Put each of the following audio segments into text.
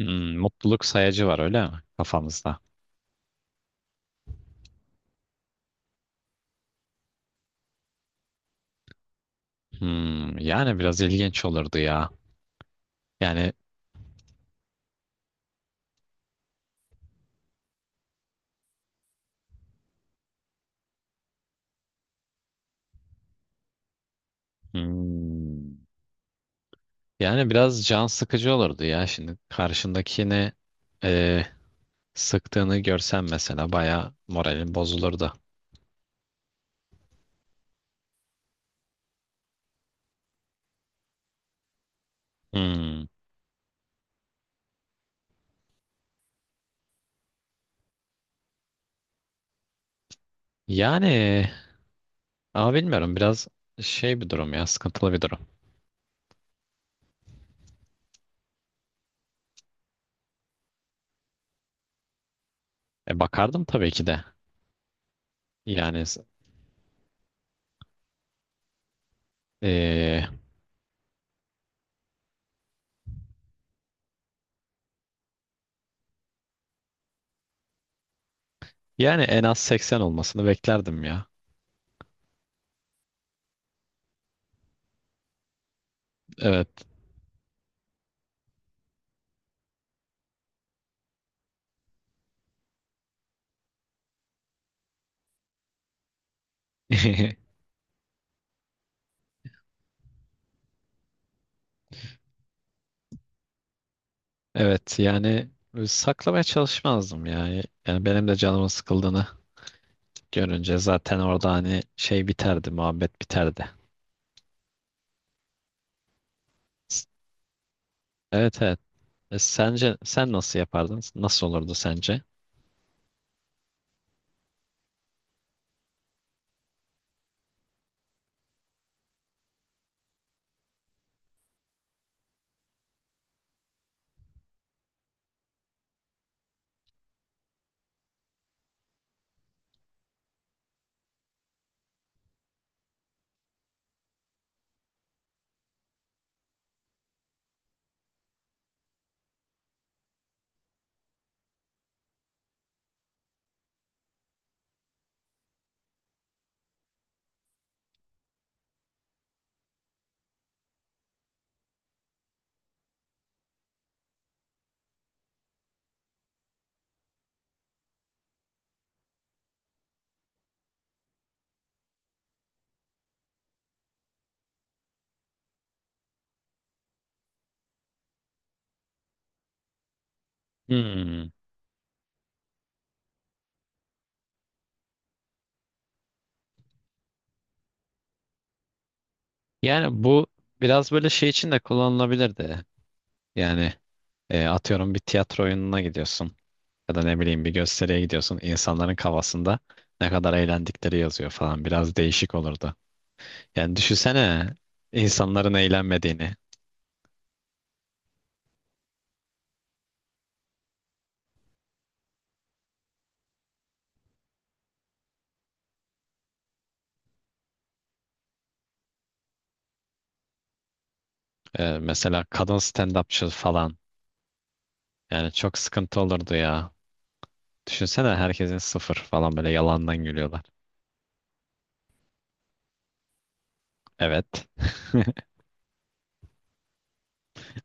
Hmm, mutluluk sayacı var öyle mi kafamızda? Hmm, yani biraz ilginç olurdu ya. Yani hmm, biraz can sıkıcı olurdu ya. Şimdi karşındakini e, sıktığını görsen mesela baya moralin bozulurdu. Hmm, yani ama bilmiyorum biraz şey bir durum ya sıkıntılı bir durum. E, bakardım tabii ki de. Yani e, en az 80 olmasını beklerdim ya. Evet. Evet yani saklamaya çalışmazdım ya. Yani benim de canımın sıkıldığını görünce zaten orada hani şey biterdi, muhabbet biterdi. Evet, evet. E, sence sen nasıl yapardın? Nasıl olurdu sence? Hmm. Yani bu biraz böyle şey için de kullanılabilirdi. Yani atıyorum bir tiyatro oyununa gidiyorsun ya da ne bileyim bir gösteriye gidiyorsun. İnsanların kafasında ne kadar eğlendikleri yazıyor falan. Biraz değişik olurdu. Yani düşünsene insanların eğlenmediğini. Mesela kadın stand-upçı falan. Yani çok sıkıntı olurdu ya. Düşünsene herkesin sıfır falan böyle yalandan gülüyorlar. Evet.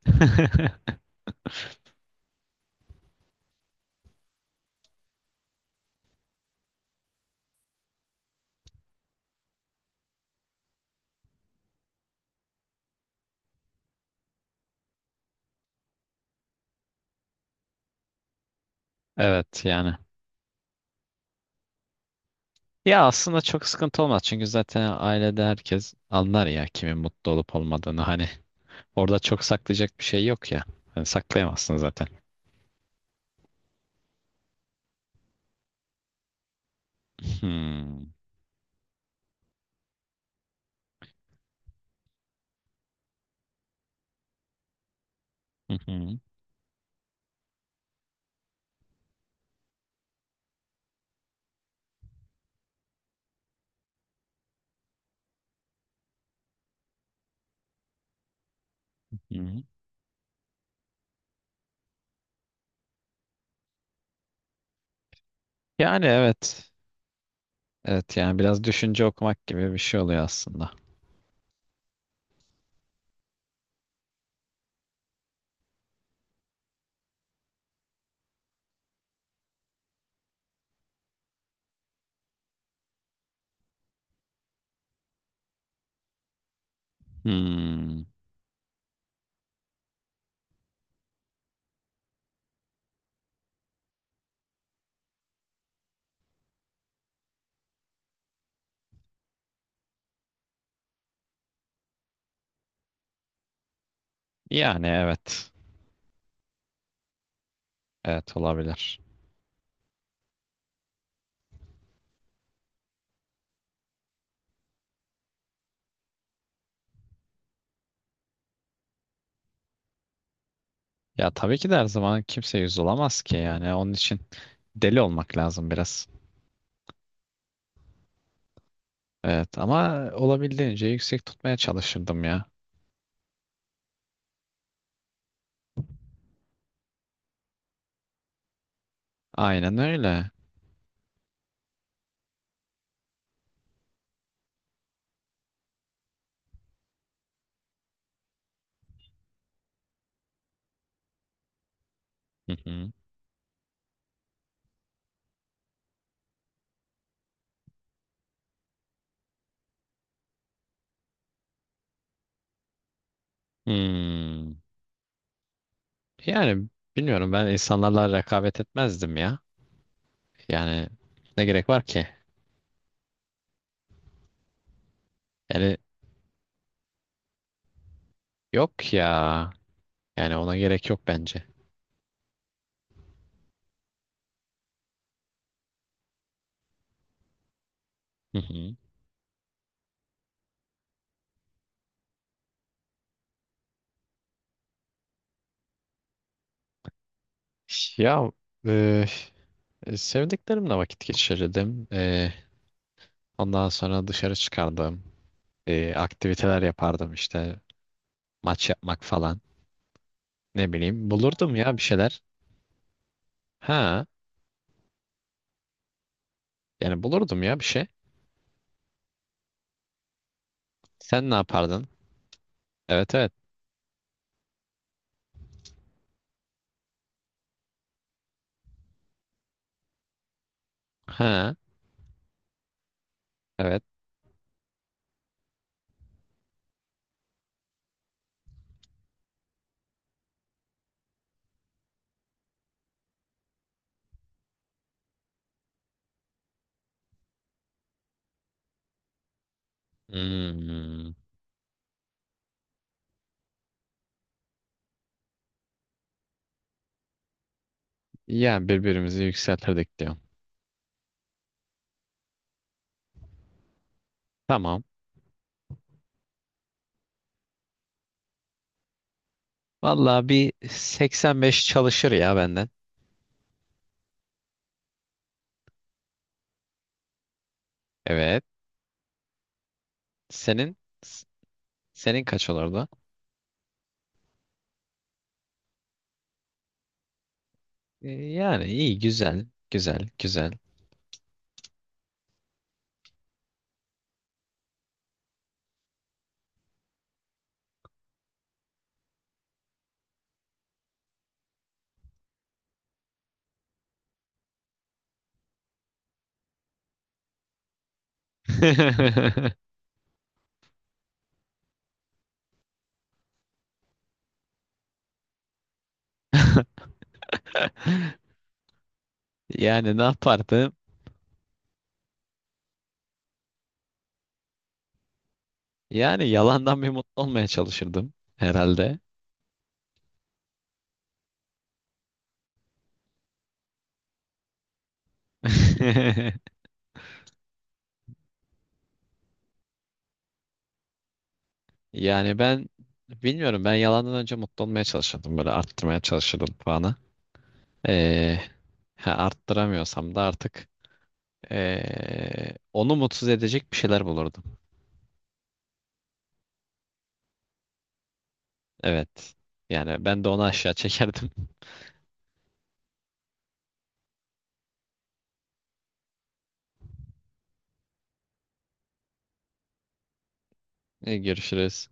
Evet yani. Ya aslında çok sıkıntı olmaz çünkü zaten ailede herkes anlar ya kimin mutlu olup olmadığını. Hani orada çok saklayacak bir şey yok ya. Hani saklayamazsın zaten. Hmm. Hı hı. Hı. Yani evet. Evet yani biraz düşünce okumak gibi bir şey oluyor aslında. Hmm. Yani evet. Evet, olabilir. Ya tabii ki de her zaman kimse yüz olamaz ki, yani onun için deli olmak lazım biraz. Evet, ama olabildiğince yüksek tutmaya çalışırdım ya. Aynen öyle. Hı hı. Hmm. Yani bilmiyorum, ben insanlarla rekabet etmezdim ya. Yani ne gerek var ki? Yani yok ya. Yani ona gerek yok bence. Hı hı. Ya e, sevdiklerimle vakit geçirirdim. Ondan sonra dışarı çıkardım. Aktiviteler yapardım işte, maç yapmak falan. Ne bileyim, bulurdum ya bir şeyler. Ha, yani bulurdum ya bir şey. Sen ne yapardın? Evet, evet. Ha, evet. Hmm. Yani birbirimizi yükseltirdik diyorum. Tamam. Vallahi bir 85 çalışır ya benden. Evet. Senin s- senin kaç olurdu? Yani iyi güzel, güzel güzel. Yani ne yapardım? Yani yalandan bir mutlu olmaya çalışırdım herhalde. Yani ben bilmiyorum, ben yalandan önce mutlu olmaya çalışırdım, böyle arttırmaya çalışırdım puanı. Ee, ha, Arttıramıyorsam da artık onu mutsuz edecek bir şeyler bulurdum. Evet. Yani ben de onu aşağı çekerdim. Görüşürüz.